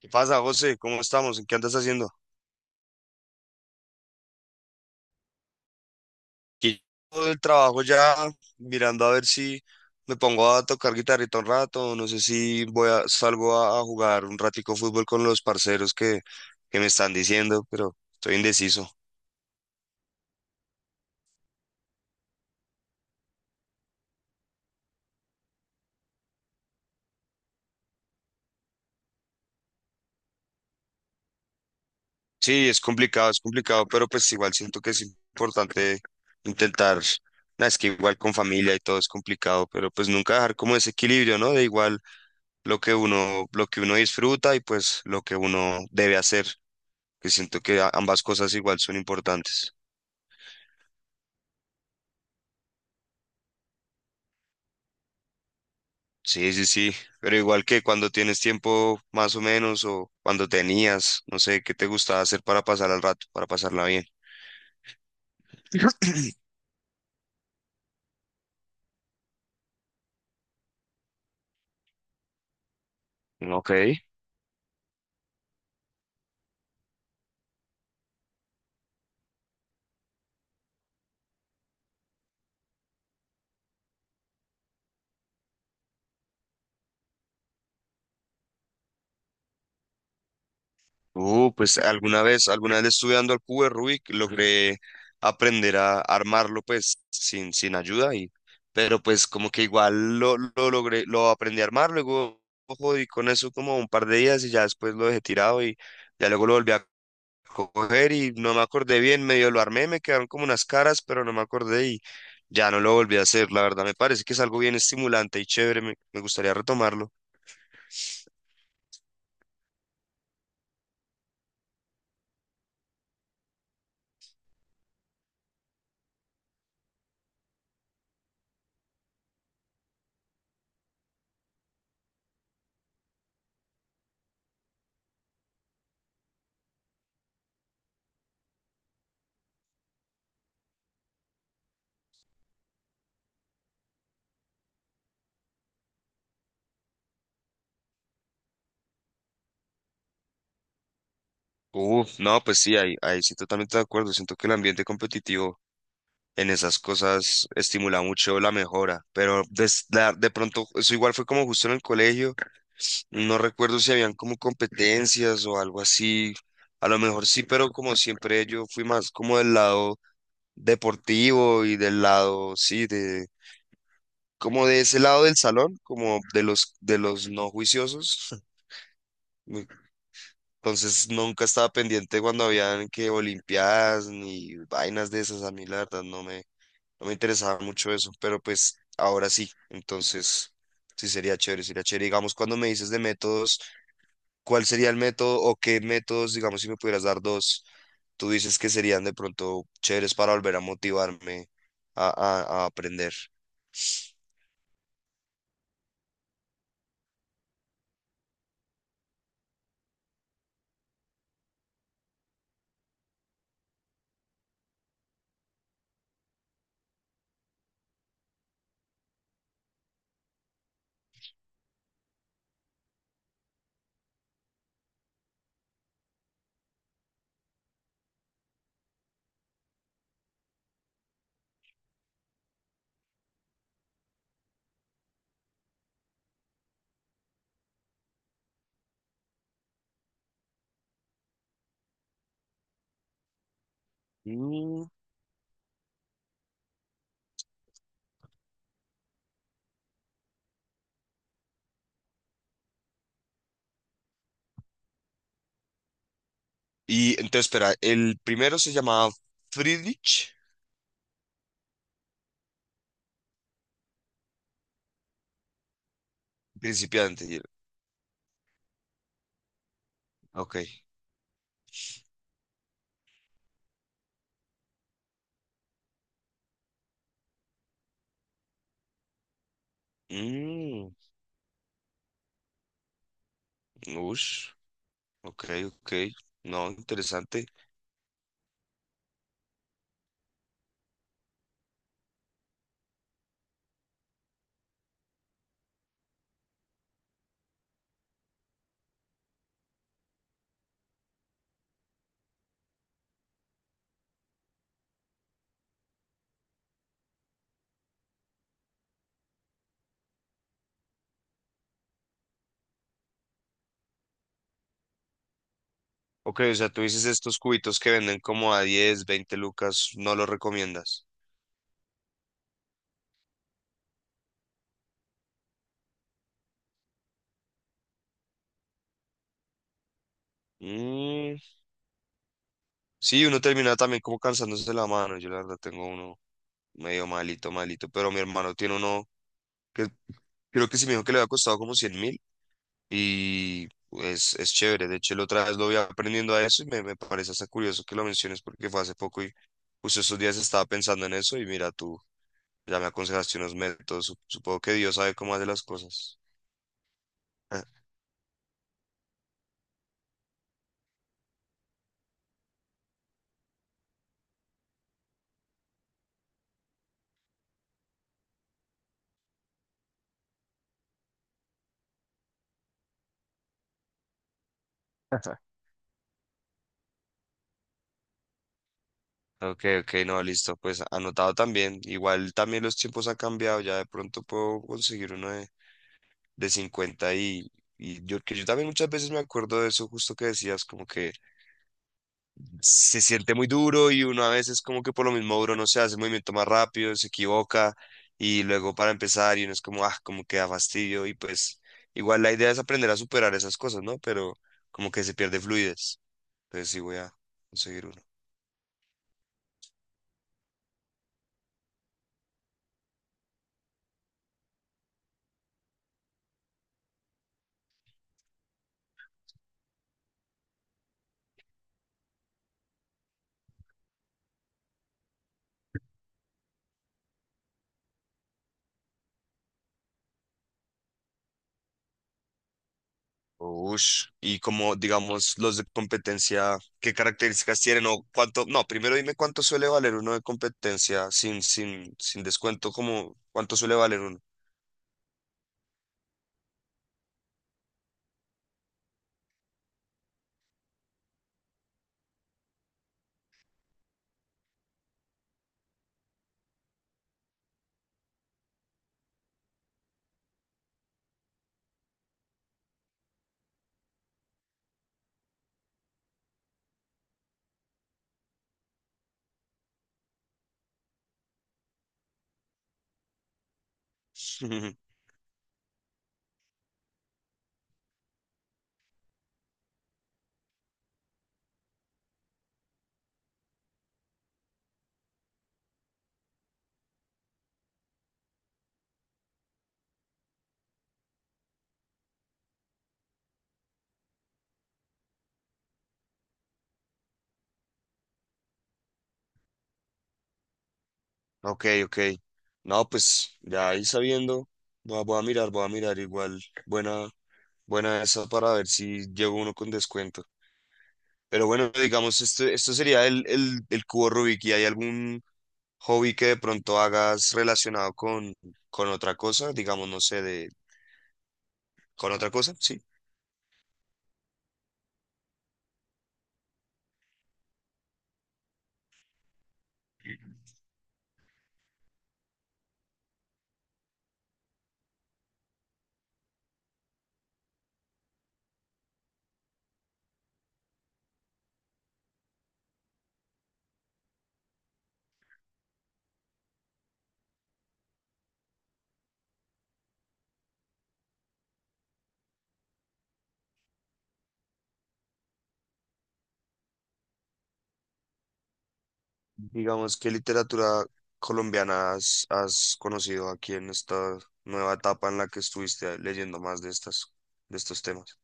¿Qué pasa, José? ¿Cómo estamos? ¿En qué andas haciendo? Aquí todo el trabajo ya mirando a ver si me pongo a tocar guitarrita un rato, no sé si voy a, salgo a jugar un ratico fútbol con los parceros que me están diciendo, pero estoy indeciso. Sí, es complicado, pero pues igual siento que es importante intentar, nah, es que igual con familia y todo es complicado, pero pues nunca dejar como ese equilibrio, ¿no? De igual lo que uno disfruta y pues lo que uno debe hacer. Que siento que ambas cosas igual son importantes. Sí, sí, sí, pero igual que cuando tienes tiempo más o menos o cuando tenías, no sé, ¿qué te gustaba hacer para pasar al rato, para pasarla bien? Ok. Pues alguna vez estudiando al cubo de Rubik logré aprender a armarlo pues sin ayuda y, pero pues como que igual lo logré, lo aprendí a armar, luego ojo, y con eso como un par de días y ya después lo dejé tirado y ya luego lo volví a coger y no me acordé bien, medio lo armé, me quedaron como unas caras, pero no me acordé y ya no lo volví a hacer, la verdad me parece que es algo bien estimulante y chévere, me gustaría retomarlo. Uf, no, pues sí, ahí sí totalmente de acuerdo, siento que el ambiente competitivo en esas cosas estimula mucho la mejora, pero de pronto eso igual fue como justo en el colegio, no recuerdo si habían como competencias o algo así, a lo mejor sí, pero como siempre yo fui más como del lado deportivo y del lado, sí, de como de ese lado del salón, como de los no juiciosos. Me- Entonces nunca estaba pendiente cuando habían que olimpiadas ni vainas de esas. A mí la verdad no me interesaba mucho eso, pero pues ahora sí. Entonces sí sería chévere, sería chévere. Digamos, cuando me dices de métodos, ¿cuál sería el método o qué métodos, digamos, si me pudieras dar dos, tú dices que serían de pronto chéveres para volver a motivarme a aprender? Mm. Y entonces, espera, el primero se llamaba Friedrich, principiante. Ok. Mm, ush, ok, ok. No, interesante. Ok, o sea, tú dices estos cubitos que venden como a 10 20 lucas, no los recomiendas. Mm, sí, uno termina también como cansándose la mano. Yo la verdad tengo uno medio malito, malito, pero mi hermano tiene uno que creo que sí me dijo que le había costado como 100.000. Y es chévere. De hecho, la otra vez lo voy aprendiendo a eso y me parece hasta curioso que lo menciones porque fue hace poco y justo estos días estaba pensando en eso y mira, tú ya me aconsejaste unos métodos. Supongo que Dios sabe cómo hace las cosas. Ajá. Ok, ok, no, listo. Pues anotado también. Igual también los tiempos han cambiado. Ya de pronto puedo conseguir uno de 50 y yo, que yo también muchas veces me acuerdo de eso justo que decías, como que se siente muy duro y uno a veces como que por lo mismo duro no se hace el movimiento más rápido, se equivoca y luego para empezar y uno es como, ah, como que da fastidio y pues igual la idea es aprender a superar esas cosas, ¿no? Pero como que se pierde fluidez. Entonces sí voy a conseguir uno. Ush, y como digamos los de competencia, ¿qué características tienen o cuánto? No, primero dime cuánto suele valer uno de competencia sin descuento, como cuánto suele valer uno. Ok, ok. No, pues ya ahí sabiendo, voy a mirar igual. Buena, buena esa para ver si llevo uno con descuento. Pero bueno, digamos, esto sería el cubo Rubik. ¿Y hay algún hobby que de pronto hagas relacionado con otra cosa? Digamos, no sé, de, con otra cosa, sí. Digamos, ¿qué literatura colombiana has conocido aquí en esta nueva etapa en la que estuviste leyendo más de estas, de estos temas?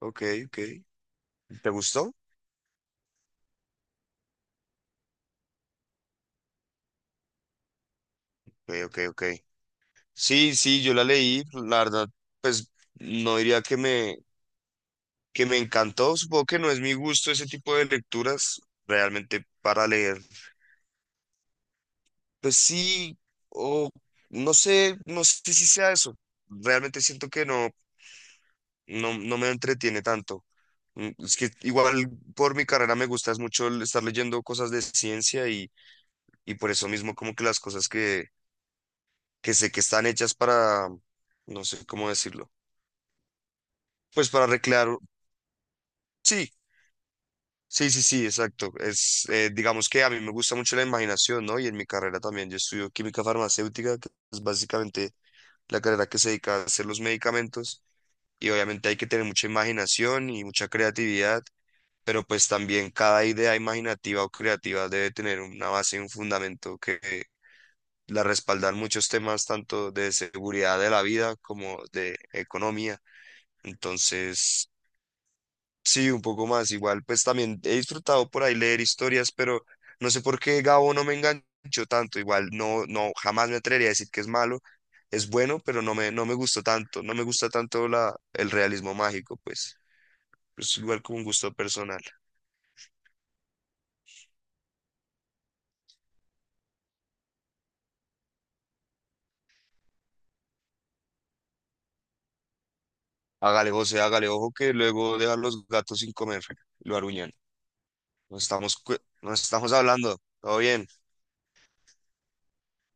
Ok, ok. ¿Te gustó? Ok, ok, ok. Sí, sí, yo la leí, la verdad, pues no diría que me encantó, supongo que no es mi gusto ese tipo de lecturas realmente para leer. Pues sí, o no sé, no sé si sea eso, realmente siento que no me entretiene tanto. Mm, es que igual por mi carrera me gusta es mucho el estar leyendo cosas de ciencia y por eso mismo como que las cosas que sé que están hechas para, no sé cómo decirlo, pues para recrear, sí. Sí, sí, sí, exacto. Es, digamos que a mí me gusta mucho la imaginación, ¿no? Y en mi carrera también, yo estudio química farmacéutica, que es básicamente la carrera que se dedica a hacer los medicamentos. Y obviamente hay que tener mucha imaginación y mucha creatividad, pero pues también cada idea imaginativa o creativa debe tener una base y un fundamento que la respaldan muchos temas, tanto de seguridad de la vida como de economía. Entonces... Sí, un poco más. Igual, pues también he disfrutado por ahí leer historias, pero no sé por qué Gabo no me enganchó tanto. Igual, no, no, jamás me atrevería a decir que es malo. Es bueno, pero no me gustó tanto. No me gusta tanto la, el realismo mágico, pues. Es igual como un gusto personal. Hágale, José, hágale, ojo que luego dejan los gatos sin comer. Lo aruñan. Nos estamos, nos estamos hablando. Todo bien.